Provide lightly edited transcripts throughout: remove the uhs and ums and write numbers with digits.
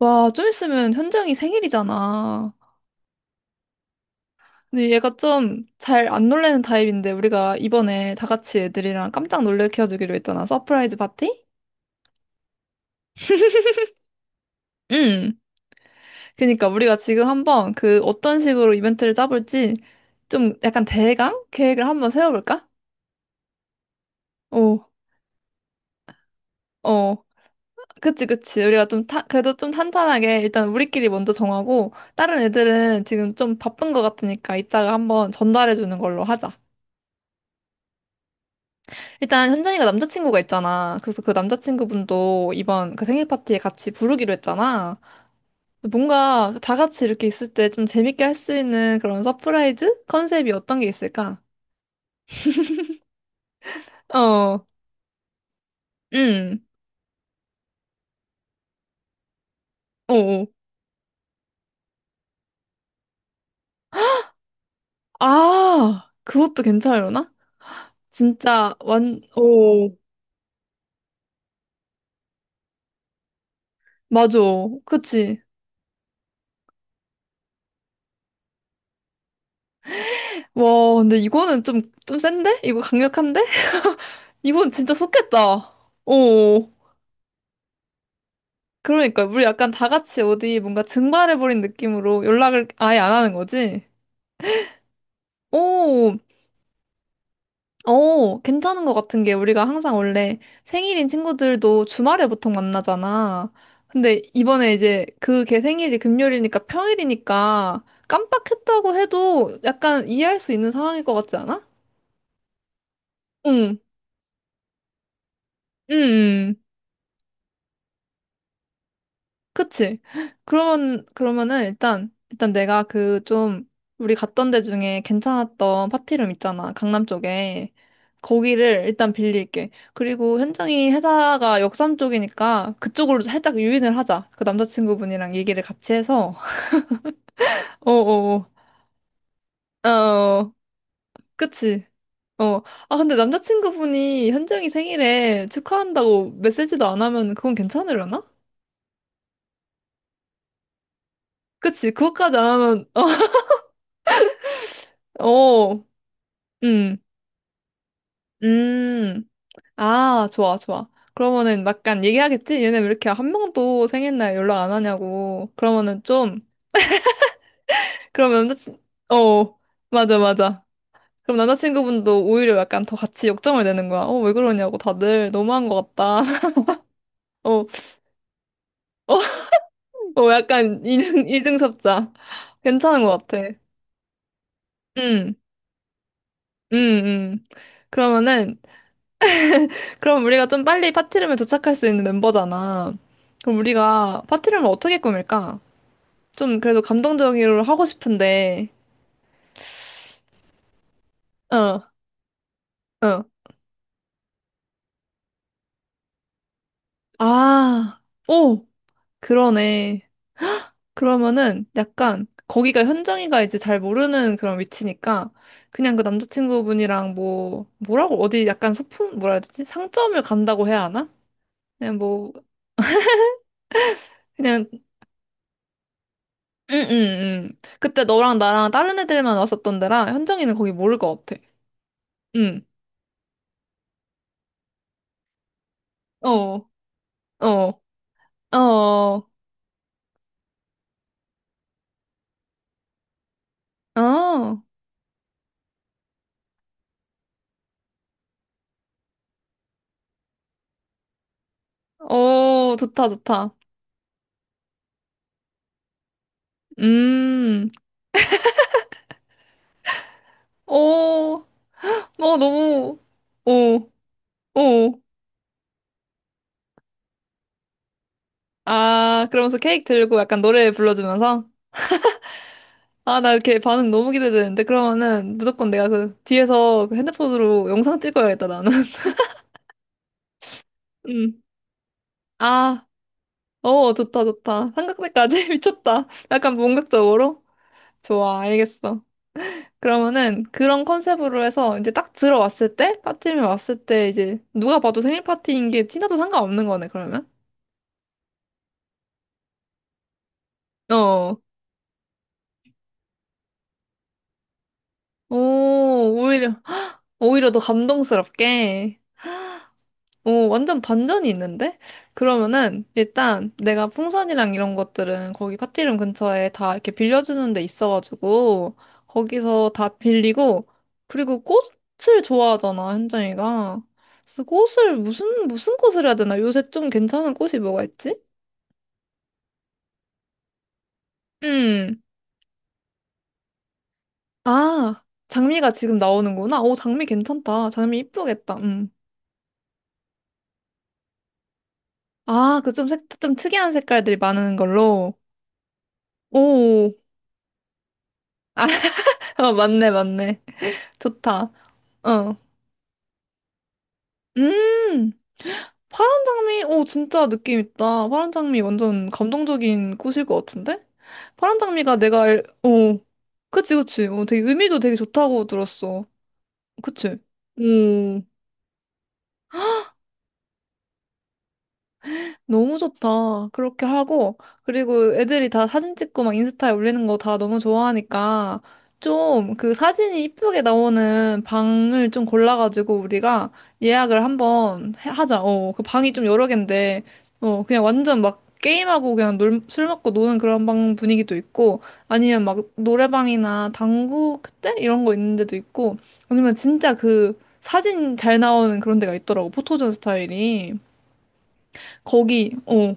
와, 좀 있으면 현정이 생일이잖아. 근데 얘가 좀 잘 안 놀래는 타입인데 우리가 이번에 다 같이 애들이랑 깜짝 놀래켜주기로 했잖아. 서프라이즈 파티? 응. 그니까 우리가 지금 한번 그 어떤 식으로 이벤트를 짜볼지 좀 약간 대강 계획을 한번 세워볼까? 오, 어. 그치, 그치. 우리가 그래도 좀 탄탄하게 일단 우리끼리 먼저 정하고 다른 애들은 지금 좀 바쁜 것 같으니까 이따가 한번 전달해주는 걸로 하자. 일단 현정이가 남자친구가 있잖아. 그래서 그 남자친구분도 이번 그 생일 파티에 같이 부르기로 했잖아. 뭔가 다 같이 이렇게 있을 때 좀 재밌게 할 수 있는 그런 서프라이즈 컨셉이 어떤 게 있을까? 어, 응... 어, 어. 아, 그것도 괜찮으려나? 진짜 완, 오, 맞아. 그치. 와, 근데 이거는 좀 센데? 이거 강력한데? 이건 진짜 속겠다. 오오... 그러니까 우리 약간 다 같이 어디 뭔가 증발해버린 느낌으로 연락을 아예 안 하는 거지? 오, 오, 괜찮은 것 같은 게 우리가 항상 원래 생일인 친구들도 주말에 보통 만나잖아. 근데 이번에 이제 그 걔 생일이 금요일이니까 평일이니까 깜빡했다고 해도 약간 이해할 수 있는 상황일 것 같지 않아? 응, 응, 그치? 그러면은 일단 내가 그 좀, 우리 갔던 데 중에 괜찮았던 파티룸 있잖아. 강남 쪽에. 거기를 일단 빌릴게. 그리고 현정이 회사가 역삼 쪽이니까 그쪽으로 살짝 유인을 하자. 그 남자친구분이랑 얘기를 같이 해서. 어어어. 어, 어, 어, 그치? 어. 아, 근데 남자친구분이 현정이 생일에 축하한다고 메시지도 안 하면 그건 괜찮으려나? 그치? 그것까지 안 하면, 어, 어. 음. 음. 아, 좋아, 좋아. 그러면은 약간 얘기하겠지? 얘네 왜 이렇게 한 명도 생일날 연락 안 하냐고. 그러면은 좀, 그럼 남자친, 어, 맞아, 맞아. 그럼 남자친구분도 오히려 약간 더 같이 역정을 내는 거야. 어, 왜 그러냐고. 다들 너무한 것 같다. 어, 어, 어, 약간 이중섭자. 괜찮은 것 같아. 응, 응, 응. 그러면은, 그럼 우리가 좀 빨리 파티룸에 도착할 수 있는 멤버잖아. 그럼 우리가 파티룸을 어떻게 꾸밀까? 좀 그래도 감동적으로 하고 싶은데, 어, 어. 아, 오, 그러네. 그러면은 약간 거기가 현정이가 이제 잘 모르는 그런 위치니까 그냥 그 남자친구분이랑 뭐라고 어디 약간 소품, 뭐라 해야 되지? 상점을 간다고 해야 하나? 그냥 뭐, 그냥, 응, 응, 응. 그때 너랑 나랑 다른 애들만 왔었던 데라 현정이는 거기 모를 것 같아. 응, 어, 어, 어, 어, 어, 좋다, 좋다. 음. 오, 너 너무, 오, 오. 아, 그러면서 케이크 들고 약간 노래 불러주면서? 아, 나 이렇게 반응 너무 기대되는데? 그러면은 무조건 내가 그 뒤에서 그 핸드폰으로 영상 찍어야겠다, 나는. 음. 아, 어, 좋다, 좋다. 삼각대까지? 미쳤다. 약간 본격적으로? 좋아, 알겠어. 그러면은 그런 컨셉으로 해서 이제 딱 들어왔을 때, 빠티이 왔을 때 이제 누가 봐도 생일 파티인 게 티나도 상관없는 거네, 그러면? 어. 오, 오히려, 헉, 오히려 더 감동스럽게. 오, 완전 반전이 있는데? 내가 풍선이랑 이런 것들은 거기 파티룸 근처에 다 이렇게 빌려주는 데 있어가지고, 거기서 다 빌리고, 그리고 꽃을 좋아하잖아, 현정이가. 그래서 꽃을, 무슨 꽃을 해야 되나? 요새 좀 괜찮은 꽃이 뭐가 있지? 음, 아, 장미가 지금 나오는구나. 오, 장미 괜찮다. 장미 이쁘겠다. 음. 아, 좀 특이한 색깔들이 많은 걸로. 오, 아, 어, 맞네, 맞네. 좋다. 어. 음, 파란 장미, 오, 진짜 느낌 있다. 파란 장미 완전 감동적인 꽃일 것 같은데? 파란 장미가 내가 알, 오, 그치, 그치. 어, 되게 의미도 되게 좋다고 들었어. 그치? 오. 너무 좋다. 그렇게 하고, 그리고 애들이 다 사진 찍고 막 인스타에 올리는 거 다 너무 좋아하니까, 좀 그 사진이 이쁘게 나오는 방을 좀 골라가지고 우리가 예약을 한번 하자. 어, 그 방이 좀 여러 갠데, 어, 그냥 완전 막 게임하고 그냥 놀, 술 먹고 노는 그런 방 분위기도 있고, 아니면 막 노래방이나 당구 그때? 이런 거 있는 데도 있고, 아니면 진짜 그 사진 잘 나오는 그런 데가 있더라고. 포토존 스타일이. 거기, 어.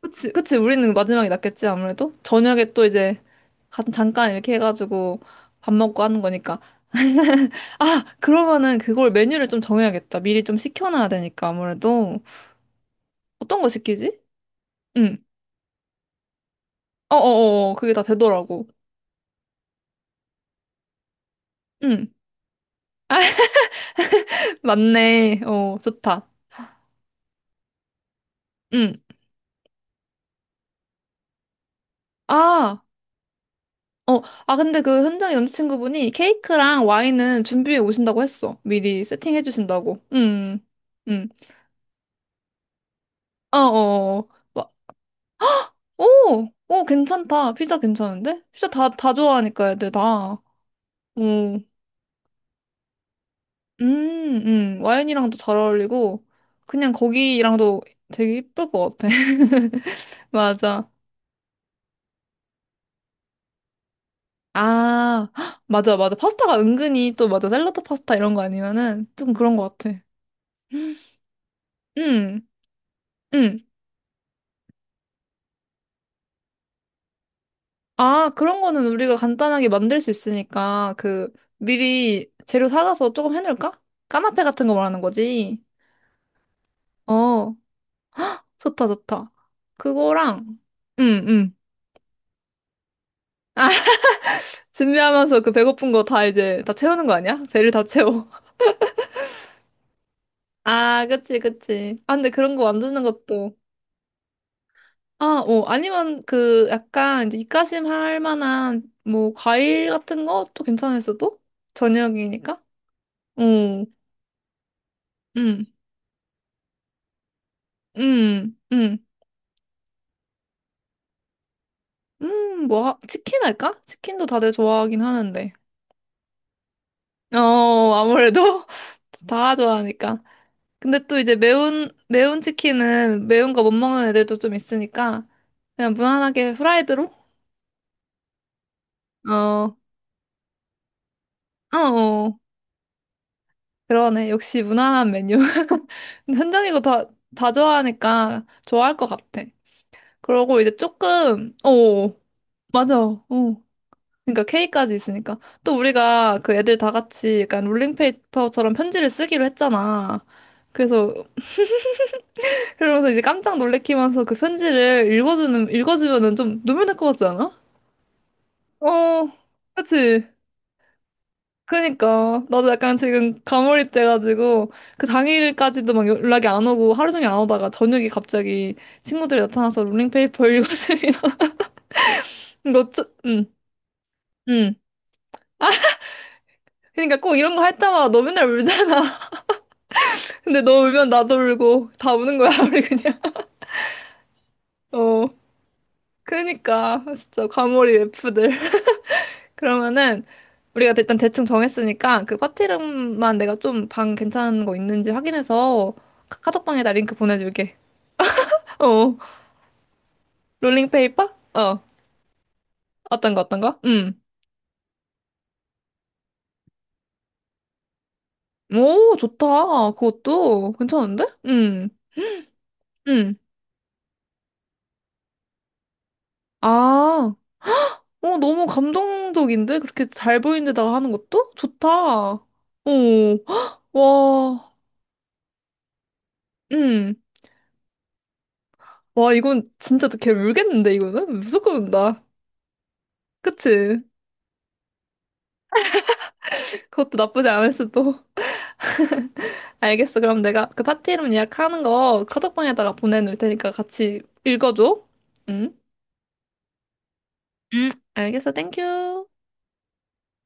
그치, 그치. 우리는 마지막이 낫겠지, 아무래도. 저녁에 또 이제 잠깐 이렇게 해가지고 밥 먹고 하는 거니까. 아, 그러면은 그걸 메뉴를 좀 정해야겠다. 미리 좀 시켜놔야 되니까, 아무래도. 어떤 거 시키지? 응. 어어어, 그게 다 되더라고. 응. 맞네. 어, 좋다. 응. 아, 어, 아, 근데 그 현장 남자친구분이 케이크랑 와인은 준비해 오신다고 했어. 미리 세팅해 주신다고. 응. 응. 어어어. 오, 오, 괜찮다. 피자 괜찮은데? 피자 다 좋아하니까 애들 다. 오, 와인이랑도 잘 어울리고, 그냥 거기랑도 되게 이쁠 것 같아. 맞아. 아, 헉, 맞아, 맞아. 파스타가 은근히 또 맞아. 샐러드 파스타 이런 거 아니면은 좀 그런 것 같아. 음, 음. 아, 그런 거는 우리가 간단하게 만들 수 있으니까, 그, 미리 재료 사가서 조금 해놓을까? 까나페 같은 거 말하는 거지. 어, 좋다, 좋다. 그거랑, 응, 응. 준비하면서 그 배고픈 거 다 이제 다 채우는 거 아니야? 배를 다 채워. 아, 그치, 그치. 아, 근데 그런 거 만드는 것도. 아, 어, 아니면 그 약간 이제 입가심 할 만한 뭐 과일 같은 것도 괜찮을 수도? 저녁이니까? 어, 응, 응, 응. 뭐, 치킨 할까? 치킨도 다들 좋아하긴 하는데. 어, 아무래도 다 좋아하니까. 근데 또 이제 매운 치킨은 매운 거 못 먹는 애들도 좀 있으니까 그냥 무난하게 후라이드로? 어, 어, 어. 그러네. 역시 무난한 메뉴. 현정이고 다, 다 좋아하니까 좋아할 것 같아. 그러고 이제 조금, 어, 맞아. 어. 그러니까 K까지 있으니까. 또 우리가 그 애들 다 같이 약간 롤링페이퍼처럼 편지를 쓰기로 했잖아. 그래서, 그러면서 이제 깜짝 놀래키면서 그 편지를 읽어주면은 좀 눈물 날 것 같지 않아? 어, 그치. 그니까. 나도 약간 지금 가몰입 돼가지고, 그 당일까지도 막 연락이 안 오고, 하루 종일 안 오다가, 저녁에 갑자기 친구들이 나타나서 롤링페이퍼 읽어주면, 몇 주, 응, 응. 그니까 꼭 이런 거 할 때마다 너 맨날 울잖아. 근데 너 울면 나도 울고, 다 우는 거야, 우리 그냥. 어, 그니까. 진짜 가몰입 F들. 그러면은, 우리가 일단 대충 정했으니까, 그 파티룸만 내가 좀 방 괜찮은 거 있는지 확인해서, 카톡방에다 링크 보내줄게. 어, 롤링페이퍼? 어, 어떤 거? 음. 오, 좋다. 그것도 괜찮은데? 음. 아, 어, 너무 감동적인데? 그렇게 잘 보이는 데다가 하는 것도? 좋다. 어, 헉, 와, 음. 와, 이건 진짜 걔 울겠는데, 이거는? 무조건 운다. 그치? 그것도 나쁘지 않을 수도. 알겠어. 그럼 내가 그 파티 이름 예약하는 거 카톡방에다가 보내놓을 테니까 같이 읽어줘. 응? 알겠어. 땡큐.